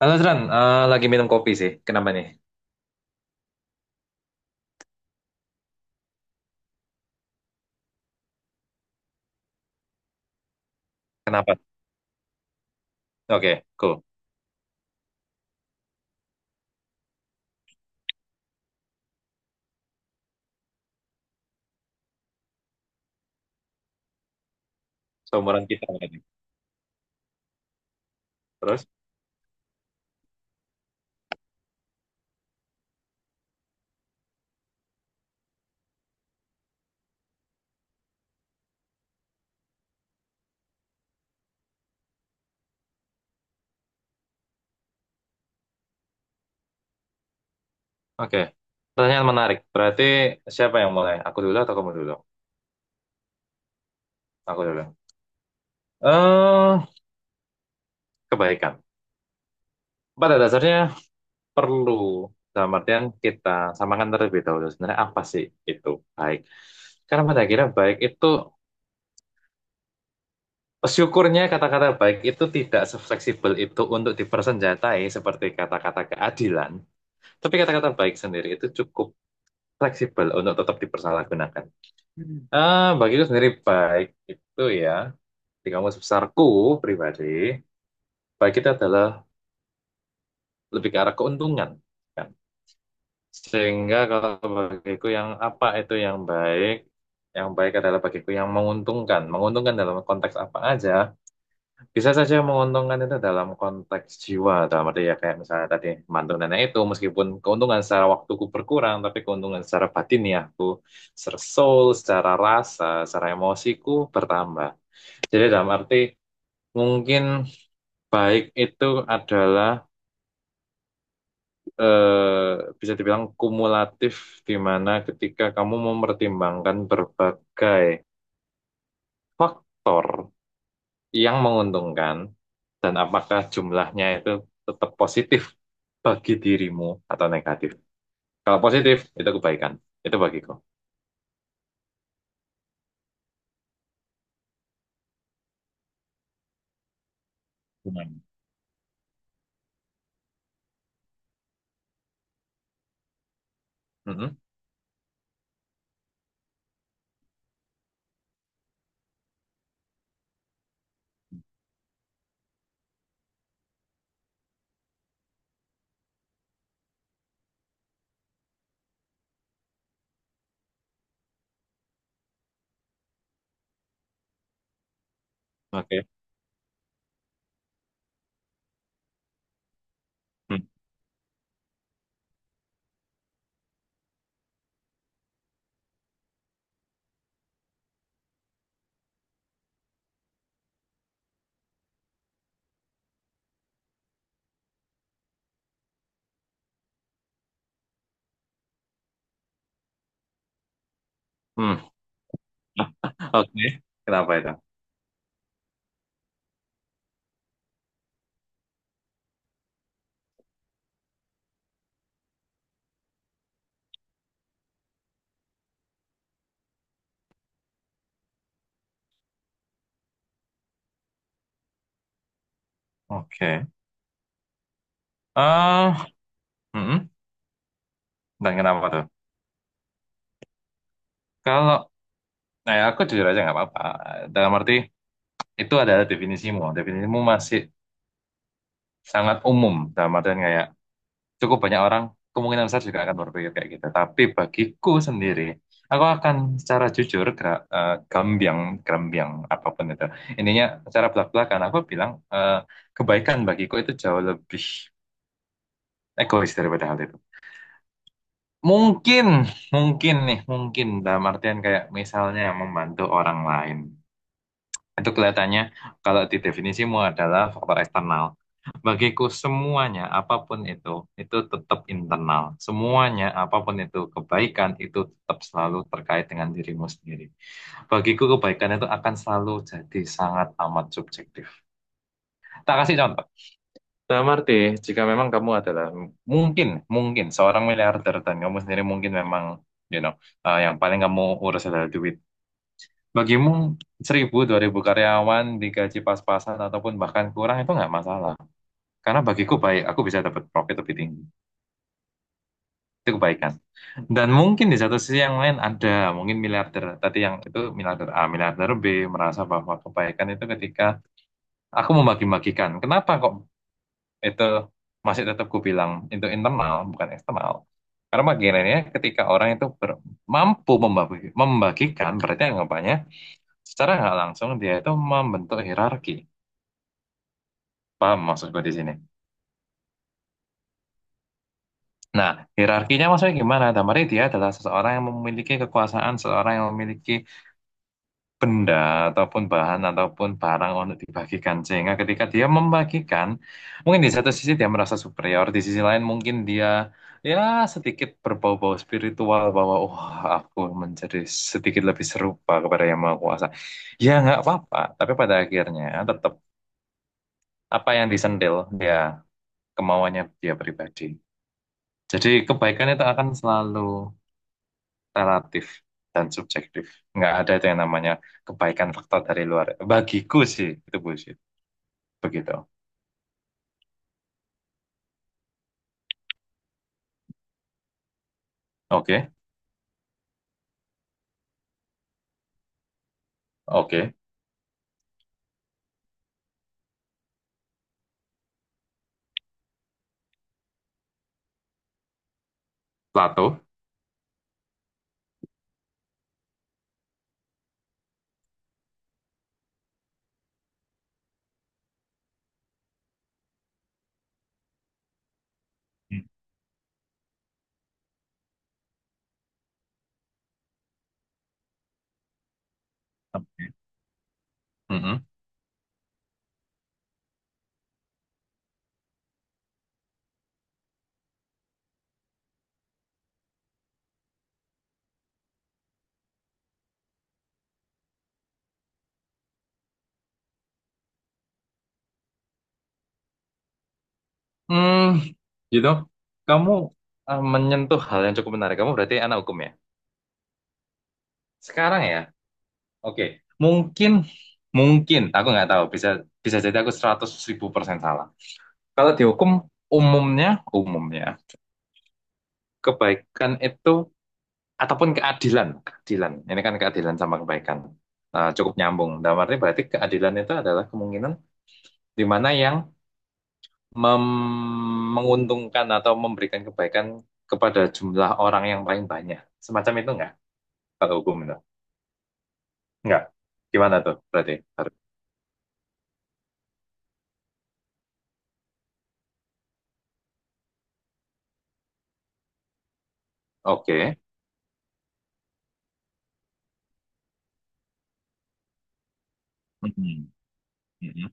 Halo Tran, lagi minum kopi sih. Kenapa nih? Kenapa? Oke, cool. Seumuran kita berarti. Terus? Oke. Pertanyaan menarik. Berarti siapa yang mulai? Aku dulu atau kamu dulu? Aku dulu. Eh, kebaikan. Pada dasarnya perlu. Dalam artian kita samakan terlebih dahulu. Sebenarnya apa sih itu baik? Karena pada akhirnya baik itu. Syukurnya kata-kata baik itu tidak sefleksibel itu untuk dipersenjatai seperti kata-kata keadilan. Tapi kata-kata baik sendiri itu cukup fleksibel untuk tetap dipersalahgunakan. Hmm. Bagiku sendiri baik itu ya, di kamus besarku pribadi, baik itu adalah lebih ke arah keuntungan, kan. Sehingga kalau bagiku yang apa itu yang baik adalah bagiku yang menguntungkan. Menguntungkan dalam konteks apa aja, bisa saja menguntungkan itu dalam konteks jiwa, dalam arti ya kayak misalnya tadi mantu nenek itu meskipun keuntungan secara waktuku berkurang tapi keuntungan secara batin, ya aku secara soul, secara rasa, secara emosiku bertambah. Jadi dalam arti mungkin baik itu adalah bisa dibilang kumulatif, di mana ketika kamu mempertimbangkan berbagai faktor yang menguntungkan dan apakah jumlahnya itu tetap positif bagi dirimu atau negatif. Kalau positif itu kebaikan, itu bagiku. Lumayan. Mm-mm. Oke. Hmm. Hmm. Oke. Kenapa itu? Oke. ah mm-mm. Dan kenapa tuh? Kalau, nah ya aku jujur aja nggak apa-apa. Dalam arti itu adalah definisimu. Definisimu masih sangat umum. Dalam artian kayak cukup banyak orang kemungkinan besar juga akan berpikir kayak gitu. Tapi bagiku sendiri, aku akan secara jujur gambiang apapun itu. Intinya secara belak-belakan aku bilang, kebaikan bagiku itu jauh lebih egois daripada hal itu. Mungkin, mungkin dalam artian kayak misalnya membantu orang lain. Itu kelihatannya kalau didefinisimu adalah faktor eksternal. Bagiku semuanya apapun itu tetap internal. Semuanya apapun itu, kebaikan itu tetap selalu terkait dengan dirimu sendiri. Bagiku kebaikan itu akan selalu jadi sangat amat subjektif. Tak kasih contoh. Dalam arti, jika memang kamu adalah mungkin seorang miliarder dan kamu sendiri mungkin memang, yang paling kamu urus adalah duit. Bagimu seribu dua ribu karyawan digaji pas-pasan ataupun bahkan kurang itu nggak masalah. Karena bagiku baik, aku bisa dapat profit lebih tinggi. Itu kebaikan. Dan mungkin di satu sisi yang lain ada, mungkin miliarder. Tadi yang itu miliarder A, miliarder B merasa bahwa kebaikan itu ketika aku membagi-bagikan. Kenapa kok itu masih tetap ku bilang itu internal bukan eksternal? Karena bagiannya ketika orang itu mampu membagikan, berarti anggapannya secara nggak langsung dia itu membentuk hierarki. Paham maksudku di sini? Nah, hierarkinya maksudnya gimana? Damari dia adalah seseorang yang memiliki kekuasaan, seseorang yang memiliki benda ataupun bahan ataupun barang untuk dibagikan. Sehingga ketika dia membagikan, mungkin di satu sisi dia merasa superior, di sisi lain mungkin dia ya sedikit berbau-bau spiritual bahwa wah aku menjadi sedikit lebih serupa kepada yang maha kuasa. Ya nggak apa-apa, tapi pada akhirnya tetap apa yang disentil dia kemauannya dia pribadi. Jadi kebaikan itu akan selalu relatif dan subjektif. Nggak ada itu yang namanya kebaikan faktor dari luar. Bagiku sih, itu bullshit. Begitu. Oke, oke. Plato. Hmm. Oke. Mm-mm. Hmm, gitu. Kamu menyentuh hal yang cukup menarik. Kamu berarti anak hukum ya? Sekarang ya? Oke. Mungkin, mungkin. Aku nggak tahu. Bisa bisa jadi aku 100.000% salah. Kalau dihukum, umumnya, umumnya. Kebaikan itu ataupun keadilan, keadilan. Ini kan keadilan sama kebaikan. Cukup nyambung. Dalam arti berarti keadilan itu adalah kemungkinan di mana yang menguntungkan atau memberikan kebaikan kepada jumlah orang yang paling banyak. Semacam itu enggak? Kalau hukum itu? Enggak. Gimana tuh berarti? Harus- Oke. Mm-mm. Mm-mm.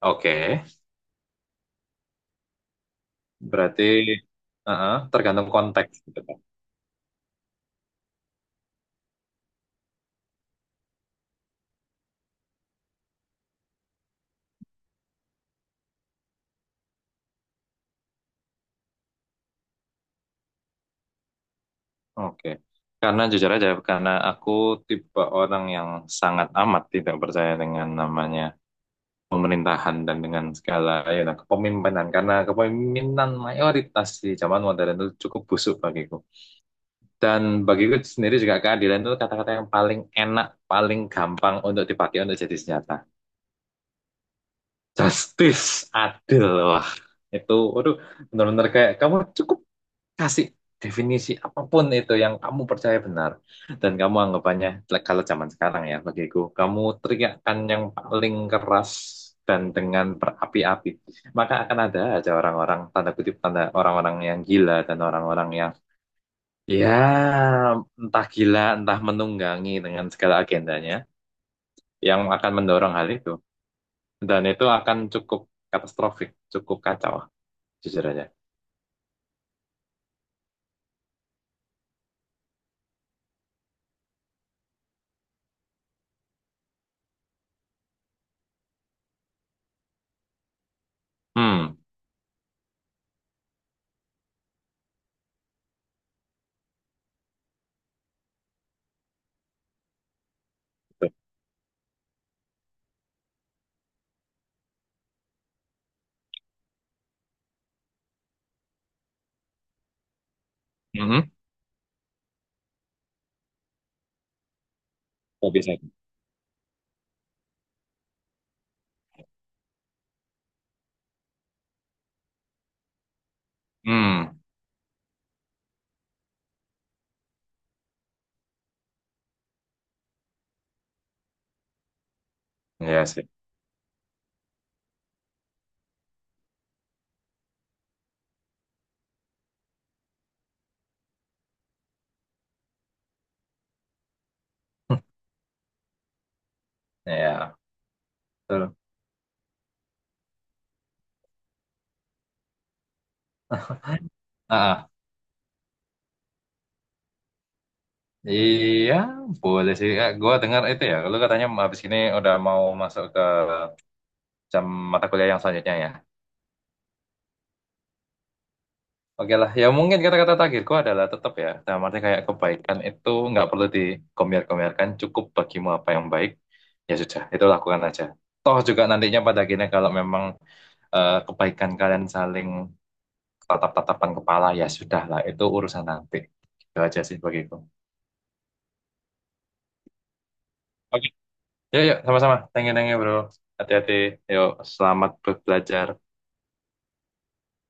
Oke. Berarti tergantung konteks gitu. Oke. Karena jujur aja, karena aku tipe orang yang sangat amat tidak percaya dengan namanya pemerintahan dan dengan segala ya nah, kepemimpinan. Karena kepemimpinan mayoritas di zaman modern itu cukup busuk bagiku. Dan bagiku sendiri juga keadilan itu kata-kata yang paling enak, paling gampang untuk dipakai untuk jadi senjata. Justice, adil, wah. Itu, waduh, benar-benar kayak kamu cukup kasih definisi apapun itu yang kamu percaya benar dan kamu anggapannya like, kalau zaman sekarang ya bagiku kamu teriakkan yang paling keras dan dengan berapi-api maka akan ada aja orang-orang tanda kutip tanda orang-orang yang gila dan orang-orang yang ya entah gila entah menunggangi dengan segala agendanya yang akan mendorong hal itu dan itu akan cukup katastrofik, cukup kacau, jujur aja. Hmm, gitu. Mhm. Kok bisa? Hmm. Ya sih. Ya, betul. Ah, ah. Iya, boleh sih. Gue dengar itu ya. Lu katanya habis ini udah mau masuk ke jam mata kuliah yang selanjutnya ya. Oke lah, ya mungkin kata-kata terakhirku adalah tetap ya. Dalam arti kayak kebaikan itu nggak perlu dikomyar-komyarkan. Cukup bagimu apa yang baik, ya sudah. Itu lakukan aja. Toh juga nantinya pada akhirnya kalau memang kebaikan kalian saling tatap-tatapan kepala, ya sudah lah. Itu urusan nanti. Itu aja sih bagiku. Oke. Yuk, yuk, sama-sama. Thank you, bro. Hati-hati. Yuk, selamat belajar.